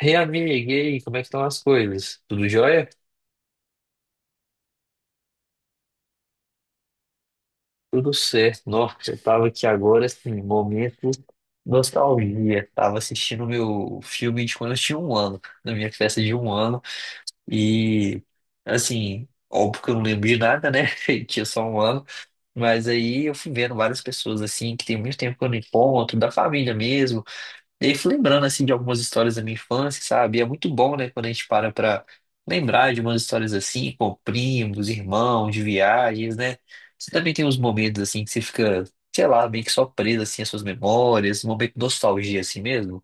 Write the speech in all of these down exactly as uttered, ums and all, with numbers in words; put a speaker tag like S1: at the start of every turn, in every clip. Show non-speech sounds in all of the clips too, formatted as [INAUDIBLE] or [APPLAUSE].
S1: Ei, amiga, e aí, como é que estão as coisas? Tudo jóia? Tudo certo. Nossa, eu tava aqui agora, assim, momento nostalgia. Tava assistindo o meu filme de quando eu tinha um ano, na minha festa de um ano. E, assim, óbvio que eu não lembrei nada, né? [LAUGHS] Eu tinha só um ano. Mas aí eu fui vendo várias pessoas, assim, que tem muito tempo que eu não encontro, da família mesmo. E aí, fui lembrando, assim, de algumas histórias da minha infância, sabe? E é muito bom, né, quando a gente para pra lembrar de umas histórias assim, com primos, irmãos, de viagens, né? Você também tem uns momentos, assim, que você fica, sei lá, meio que só preso, assim, às suas memórias, um momento de nostalgia, assim mesmo.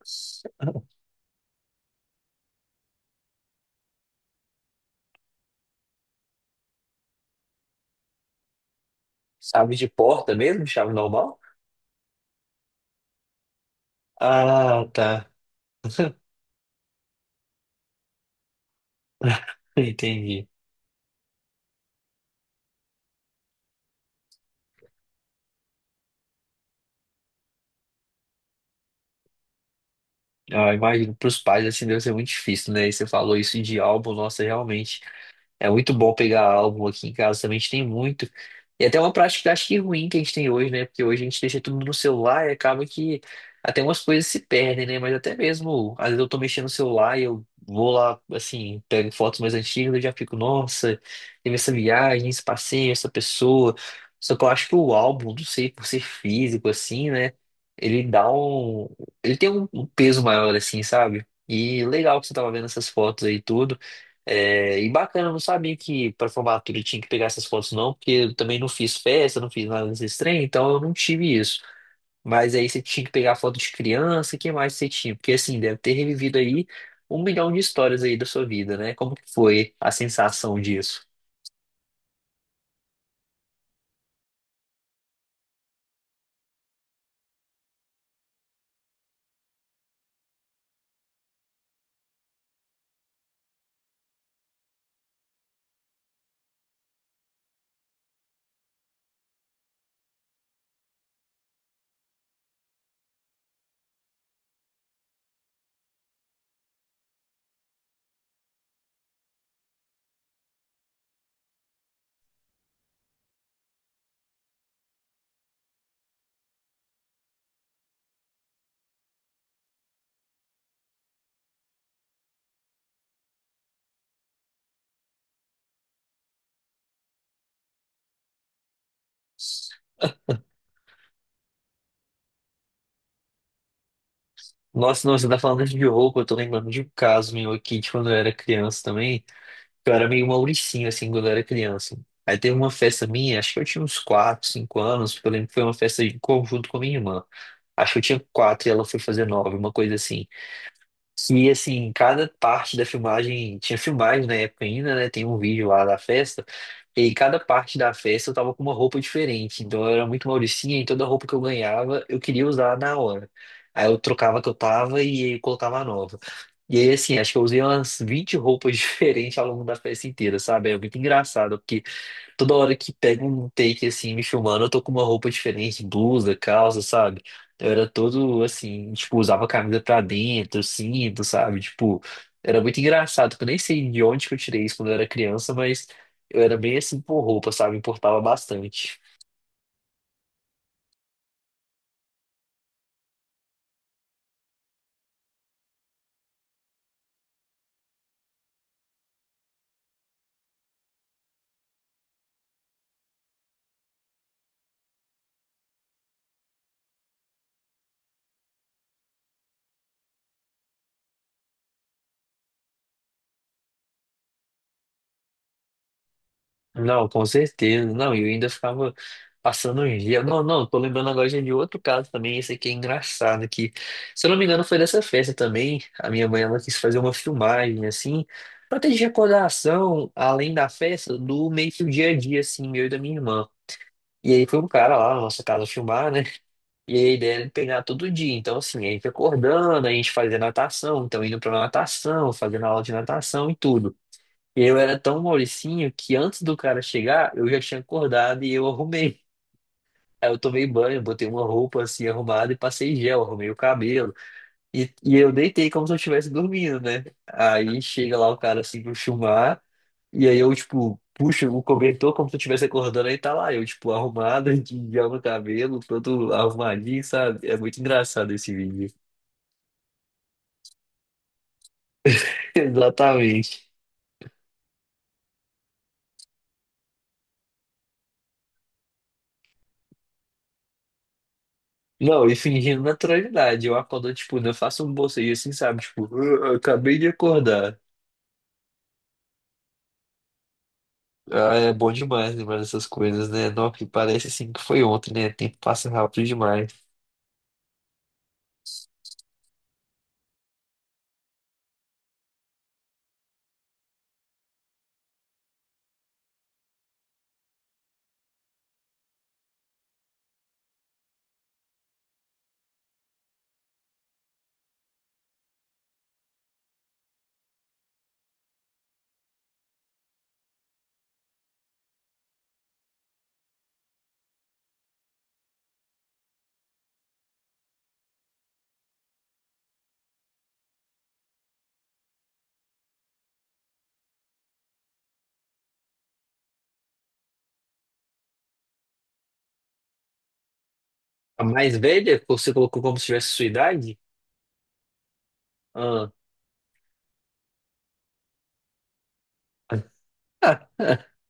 S1: [LAUGHS] Chave de porta mesmo? Chave normal? Ah, tá. [LAUGHS] Entendi. Ah, imagino, pros pais, assim, deve ser muito difícil, né? E você falou isso de álbum, nossa, realmente. É muito bom pegar álbum aqui em casa também, a gente tem muito. E até uma prática acho que ruim que a gente tem hoje, né? Porque hoje a gente deixa tudo no celular e acaba que até umas coisas se perdem, né? Mas até mesmo, às vezes eu tô mexendo no celular e eu vou lá, assim, pego fotos mais antigas, eu já fico, nossa, teve essa viagem, esse passeio, essa pessoa. Só que eu acho que o álbum, não sei, por ser físico, assim, né? Ele dá um. Ele tem um um peso maior, assim, sabe? E legal que você tava vendo essas fotos aí, tudo. É, e bacana, eu não sabia que para formatura tinha que pegar essas fotos, não, porque eu também não fiz festa, não fiz nada desse trem, então eu não tive isso. Mas aí você tinha que pegar foto de criança, o que mais você tinha? Porque assim, deve ter revivido aí um milhão de histórias aí da sua vida, né? Como que foi a sensação disso? Nossa, não, você tá falando de roupa, eu tô lembrando de um caso meu aqui de quando eu era criança também. Eu era meio Mauricinho, assim, quando eu era criança. Aí teve uma festa minha, acho que eu tinha uns quatro cinco anos, porque eu lembro que foi uma festa em conjunto com a minha irmã. Acho que eu tinha quatro e ela foi fazer nove uma coisa assim. E assim, cada parte da filmagem, tinha filmagem na época ainda, né? Tem um vídeo lá da festa, e cada parte da festa eu tava com uma roupa diferente. Então eu era muito mauricinha e toda roupa que eu ganhava eu queria usar na hora. Aí eu trocava a que eu tava e colocava a nova. E aí, assim, acho que eu usei umas vinte roupas [LAUGHS] diferentes ao longo da festa inteira, sabe? É muito engraçado, porque toda hora que pega um take assim, me filmando, eu tô com uma roupa diferente, blusa, calça, sabe? Eu era todo assim, tipo, usava a camisa pra dentro, cinto, sabe? Tipo, era muito engraçado, que eu nem sei de onde que eu tirei isso quando eu era criança, mas eu era bem assim por roupa, sabe? Importava bastante. Não, com certeza. Não, e eu ainda ficava passando uns dias. Não, não, tô lembrando agora já de outro caso também. Esse aqui é engraçado, que, se eu não me engano, foi dessa festa também. A minha mãe, ela quis fazer uma filmagem, assim, pra ter de recordação, além da festa, do meio que o dia a dia, assim, meu e da minha irmã. E aí foi um cara lá na nossa casa filmar, né? E aí a ideia era pegar todo dia. Então, assim, a gente acordando, a gente fazia natação, então indo pra natação, fazendo aula de natação e tudo. Eu era tão mauricinho que antes do cara chegar, eu já tinha acordado e eu arrumei. Aí eu tomei banho, botei uma roupa assim arrumada e passei gel, arrumei o cabelo. E, e eu deitei como se eu estivesse dormindo, né? Aí chega lá o cara assim pro chumar, e aí eu, tipo, puxo o cobertor como se eu estivesse acordando, aí tá lá, eu, tipo, arrumado, [LAUGHS] de gel no cabelo, todo arrumadinho, sabe? É muito engraçado esse vídeo. [LAUGHS] Exatamente. Não, e fingindo naturalidade. Eu acordo, tipo, eu faço um bocejo assim, sabe? Tipo, "Ah, eu acabei de acordar." Ah, é bom demais lembrar dessas coisas, né? Não, que parece assim que foi ontem, né? O tempo passa rápido demais. A mais velha, que você colocou como se tivesse sua idade? Ah. [LAUGHS]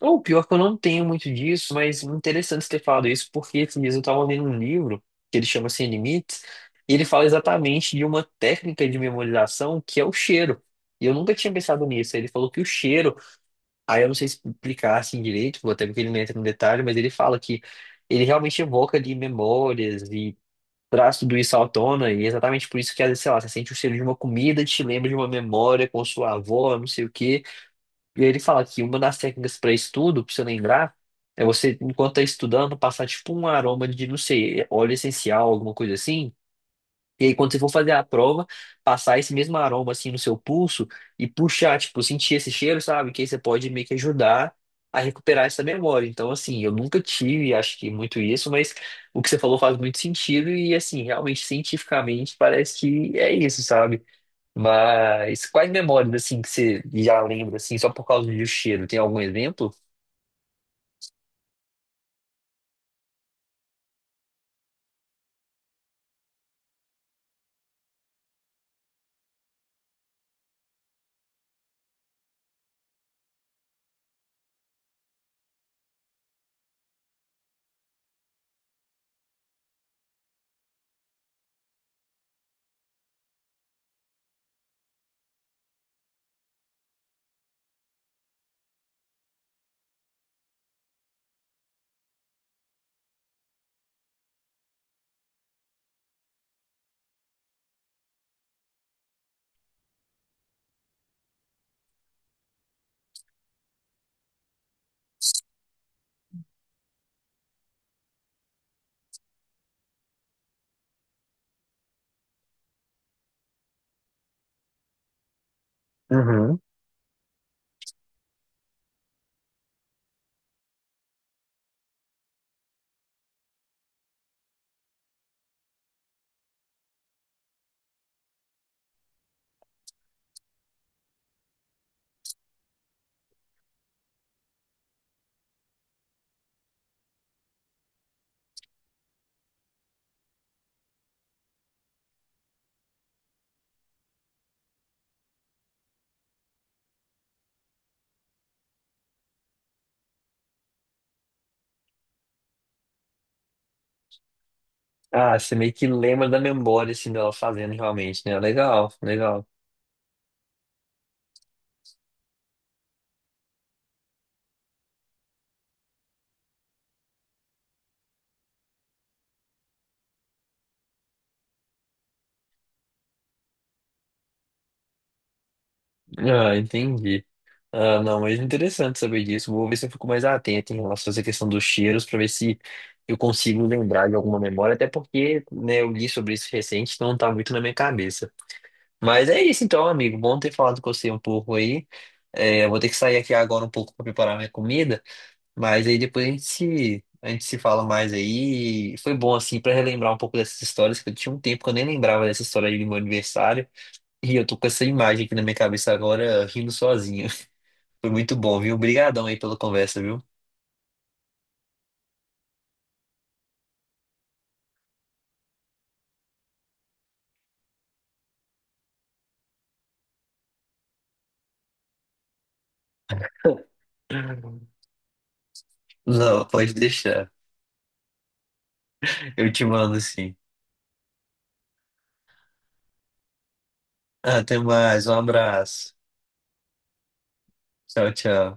S1: O pior que eu não tenho muito disso, mas interessante você ter falado isso, porque esses dias eu tava lendo um livro que ele chama Sem Limites, e ele fala exatamente de uma técnica de memorização que é o cheiro. E eu nunca tinha pensado nisso. Ele falou que o cheiro. Aí eu não sei explicar assim direito, até porque ele não entra no detalhe, mas ele fala que ele realmente evoca ali memórias e traz tudo isso à tona, e é exatamente por isso que, às vezes, sei lá, você sente o cheiro de uma comida, te lembra de uma memória com sua avó, não sei o quê. E aí ele fala que uma das técnicas para estudo, para você lembrar, é você, enquanto está estudando, passar tipo um aroma de, não sei, óleo essencial, alguma coisa assim, e aí, quando você for fazer a prova, passar esse mesmo aroma assim no seu pulso e puxar, tipo, sentir esse cheiro, sabe? Que aí você pode meio que ajudar a recuperar essa memória. Então, assim, eu nunca tive, acho que muito isso, mas o que você falou faz muito sentido e, assim, realmente, cientificamente, parece que é isso, sabe? Mas quais memórias, assim, que você já lembra, assim, só por causa do cheiro? Tem algum exemplo? Uhum. Ah, você meio que lembra da memória, assim, dela fazendo realmente, né? Legal, legal. Ah, entendi. Ah, não, mas interessante saber disso. Vou ver se eu fico mais atento em relação a essa questão dos cheiros, para ver se eu consigo lembrar de alguma memória, até porque, né, eu li sobre isso recente, então não tá muito na minha cabeça. Mas é isso então, amigo. Bom ter falado com você um pouco aí. É, eu vou ter que sair aqui agora um pouco para preparar minha comida, mas aí depois a gente se, a gente se fala mais aí. Foi bom, assim, para relembrar um pouco dessas histórias, que eu tinha um tempo que eu nem lembrava dessa história aí do meu aniversário. E eu tô com essa imagem aqui na minha cabeça agora, rindo sozinho. [LAUGHS] Foi muito bom, viu? Obrigadão aí pela conversa, viu? [LAUGHS] Não, pode deixar. Eu te mando sim. Ah, até mais, um abraço. Tchau, tchau.